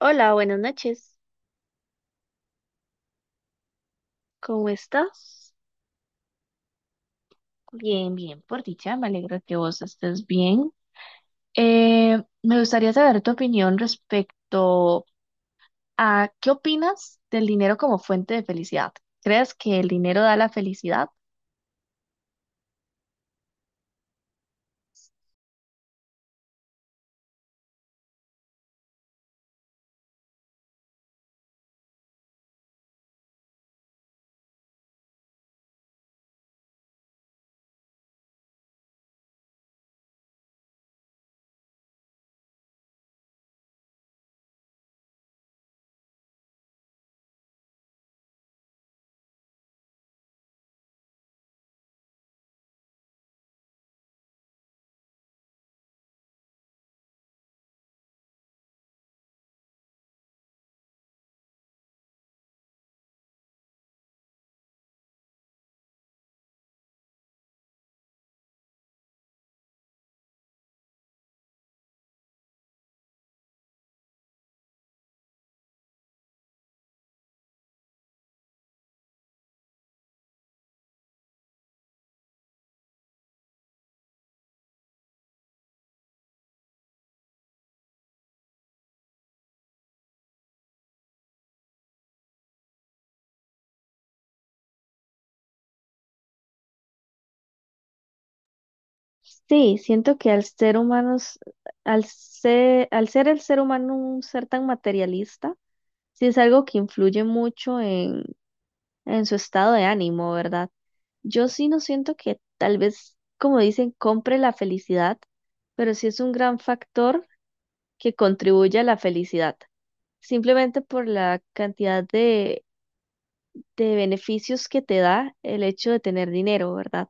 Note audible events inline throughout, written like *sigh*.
Hola, buenas noches. ¿Cómo estás? Bien, bien, por dicha, me alegra que vos estés bien. Me gustaría saber tu opinión respecto a qué opinas del dinero como fuente de felicidad. ¿Crees que el dinero da la felicidad? Sí, siento que al ser humanos, al ser el ser humano un ser tan materialista, sí es algo que influye mucho en su estado de ánimo, ¿verdad? Yo sí no siento que tal vez, como dicen, compre la felicidad, pero sí es un gran factor que contribuye a la felicidad, simplemente por la cantidad de beneficios que te da el hecho de tener dinero, ¿verdad?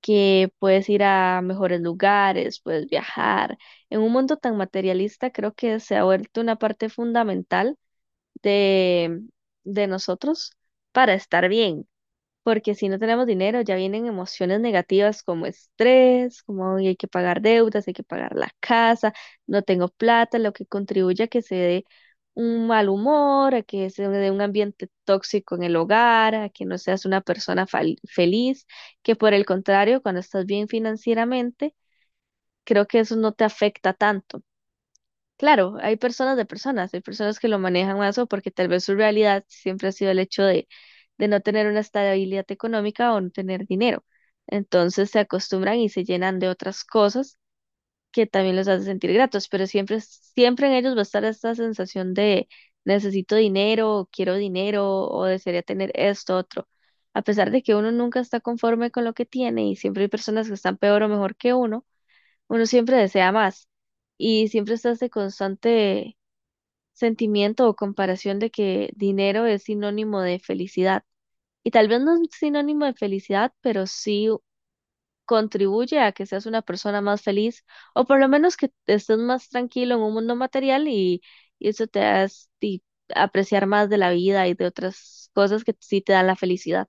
Que puedes ir a mejores lugares, puedes viajar. En un mundo tan materialista, creo que se ha vuelto una parte fundamental de, de nosotros para estar bien porque si no tenemos dinero ya vienen emociones negativas como estrés, como "Ay, hay que pagar deudas, hay que pagar la casa, no tengo plata", lo que contribuye a que se dé un mal humor, a que se dé un ambiente tóxico en el hogar, a que no seas una persona feliz, que por el contrario, cuando estás bien financieramente, creo que eso no te afecta tanto. Claro, hay personas de personas, hay personas que lo manejan más o porque tal vez su realidad siempre ha sido el hecho de no tener una estabilidad económica o no tener dinero. Entonces se acostumbran y se llenan de otras cosas que también los hace sentir gratos, pero siempre, siempre en ellos va a estar esta sensación de necesito dinero, o quiero dinero o desearía tener esto, otro. A pesar de que uno nunca está conforme con lo que tiene y siempre hay personas que están peor o mejor que uno, uno siempre desea más y siempre está este constante sentimiento o comparación de que dinero es sinónimo de felicidad. Y tal vez no es sinónimo de felicidad, pero sí contribuye a que seas una persona más feliz o por lo menos que estés más tranquilo en un mundo material y eso te hace apreciar más de la vida y de otras cosas que sí te dan la felicidad.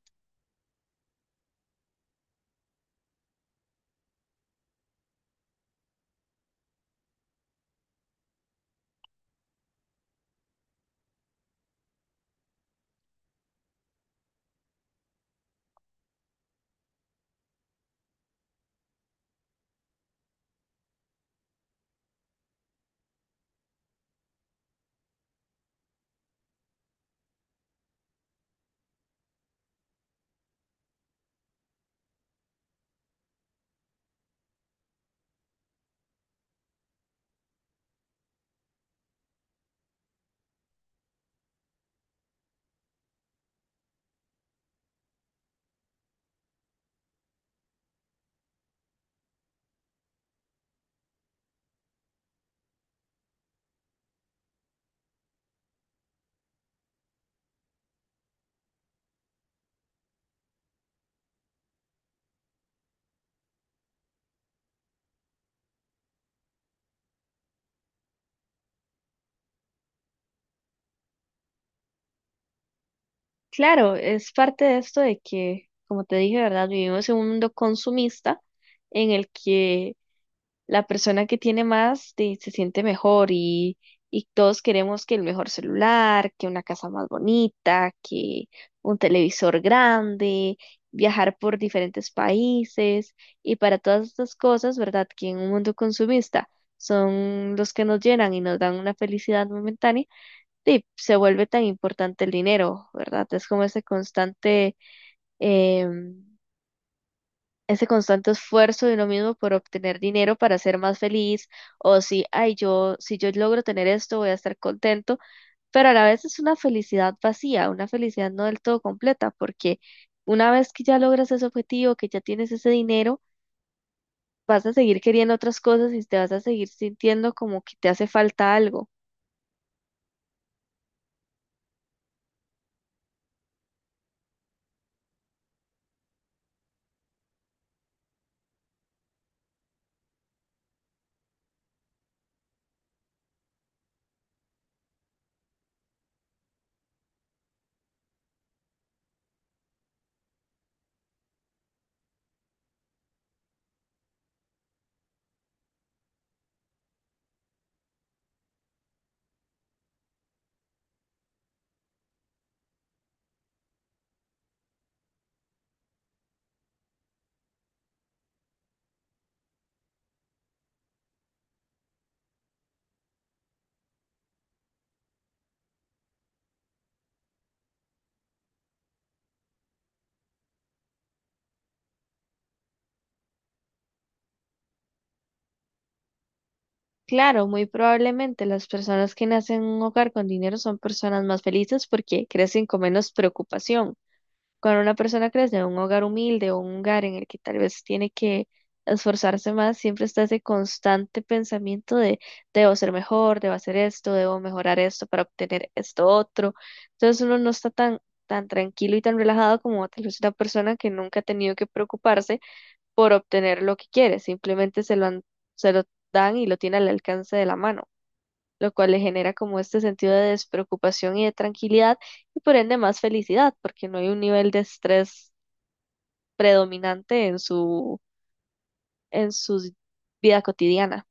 Claro, es parte de esto de que, como te dije, ¿verdad? Vivimos en un mundo consumista en el que la persona que tiene más se siente mejor y todos queremos que el mejor celular, que una casa más bonita, que un televisor grande, viajar por diferentes países y para todas estas cosas, ¿verdad? Que en un mundo consumista son los que nos llenan y nos dan una felicidad momentánea, y se vuelve tan importante el dinero, ¿verdad? Es como em, ese constante esfuerzo de uno mismo por obtener dinero para ser más feliz, o si, ay, yo, si yo logro tener esto, voy a estar contento, pero a la vez es una felicidad vacía, una felicidad no del todo completa, porque una vez que ya logras ese objetivo, que ya tienes ese dinero, vas a seguir queriendo otras cosas y te vas a seguir sintiendo como que te hace falta algo. Claro, muy probablemente las personas que nacen en un hogar con dinero son personas más felices porque crecen con menos preocupación. Cuando una persona crece en un hogar humilde o un hogar en el que tal vez tiene que esforzarse más, siempre está ese constante pensamiento de debo ser mejor, debo hacer esto, debo mejorar esto para obtener esto otro. Entonces uno no está tan, tan tranquilo y tan relajado como tal vez una persona que nunca ha tenido que preocuparse por obtener lo que quiere, simplemente se lo dan y lo tiene al alcance de la mano, lo cual le genera como este sentido de despreocupación y de tranquilidad y por ende más felicidad, porque no hay un nivel de estrés predominante en su vida cotidiana.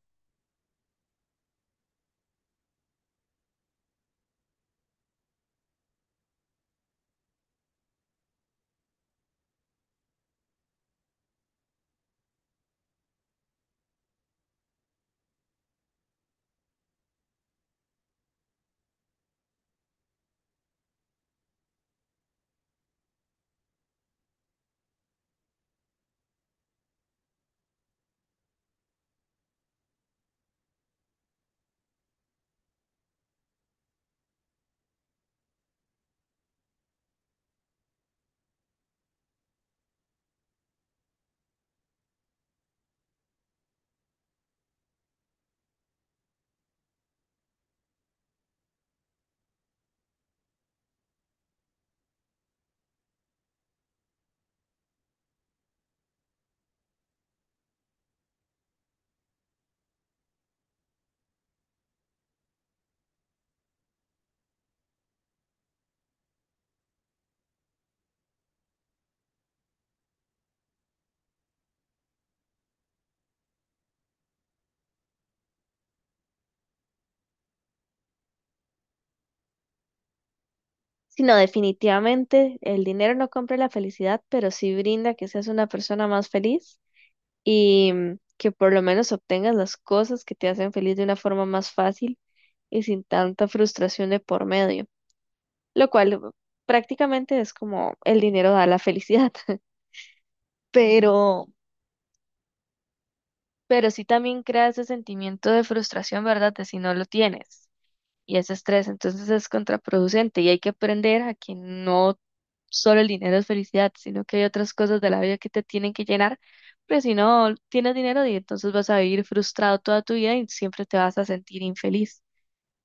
Sino definitivamente el dinero no compra la felicidad, pero sí brinda que seas una persona más feliz y que por lo menos obtengas las cosas que te hacen feliz de una forma más fácil y sin tanta frustración de por medio, lo cual prácticamente es como el dinero da la felicidad, *laughs* pero, pero sí también crea ese sentimiento de frustración, ¿verdad? De si no lo tienes. Y ese estrés. Entonces es contraproducente y hay que aprender a que no solo el dinero es felicidad, sino que hay otras cosas de la vida que te tienen que llenar, pero si no tienes dinero y entonces vas a vivir frustrado toda tu vida y siempre te vas a sentir infeliz.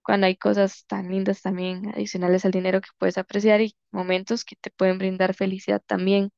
Cuando hay cosas tan lindas también adicionales al dinero que puedes apreciar y momentos que te pueden brindar felicidad también.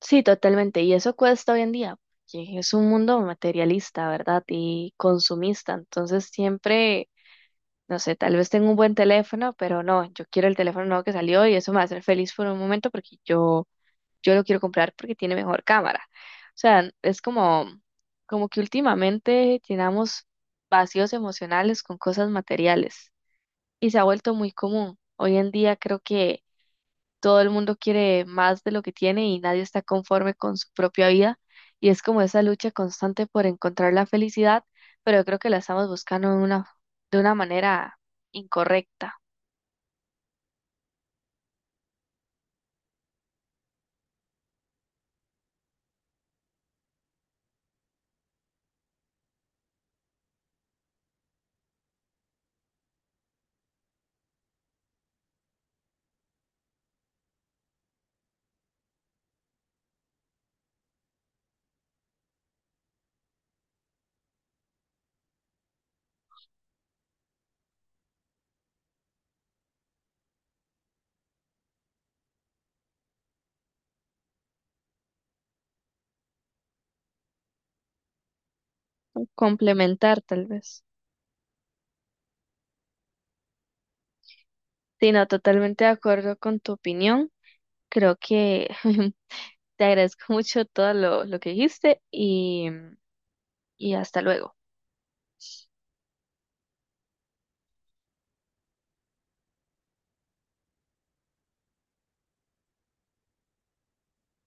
Sí, totalmente. Y eso cuesta hoy en día, porque es un mundo materialista, ¿verdad? Y consumista. Entonces siempre... No sé, tal vez tengo un buen teléfono, pero no, yo quiero el teléfono nuevo que salió y eso me va a hacer feliz por un momento porque yo lo quiero comprar porque tiene mejor cámara. O sea, es como, como que últimamente llenamos vacíos emocionales con cosas materiales y se ha vuelto muy común. Hoy en día creo que todo el mundo quiere más de lo que tiene y nadie está conforme con su propia vida. Y es como esa lucha constante por encontrar la felicidad, pero yo creo que la estamos buscando de una manera incorrecta. Complementar, tal vez. Sí, no, totalmente de acuerdo con tu opinión. Creo que *laughs* te agradezco mucho todo lo que dijiste y hasta luego.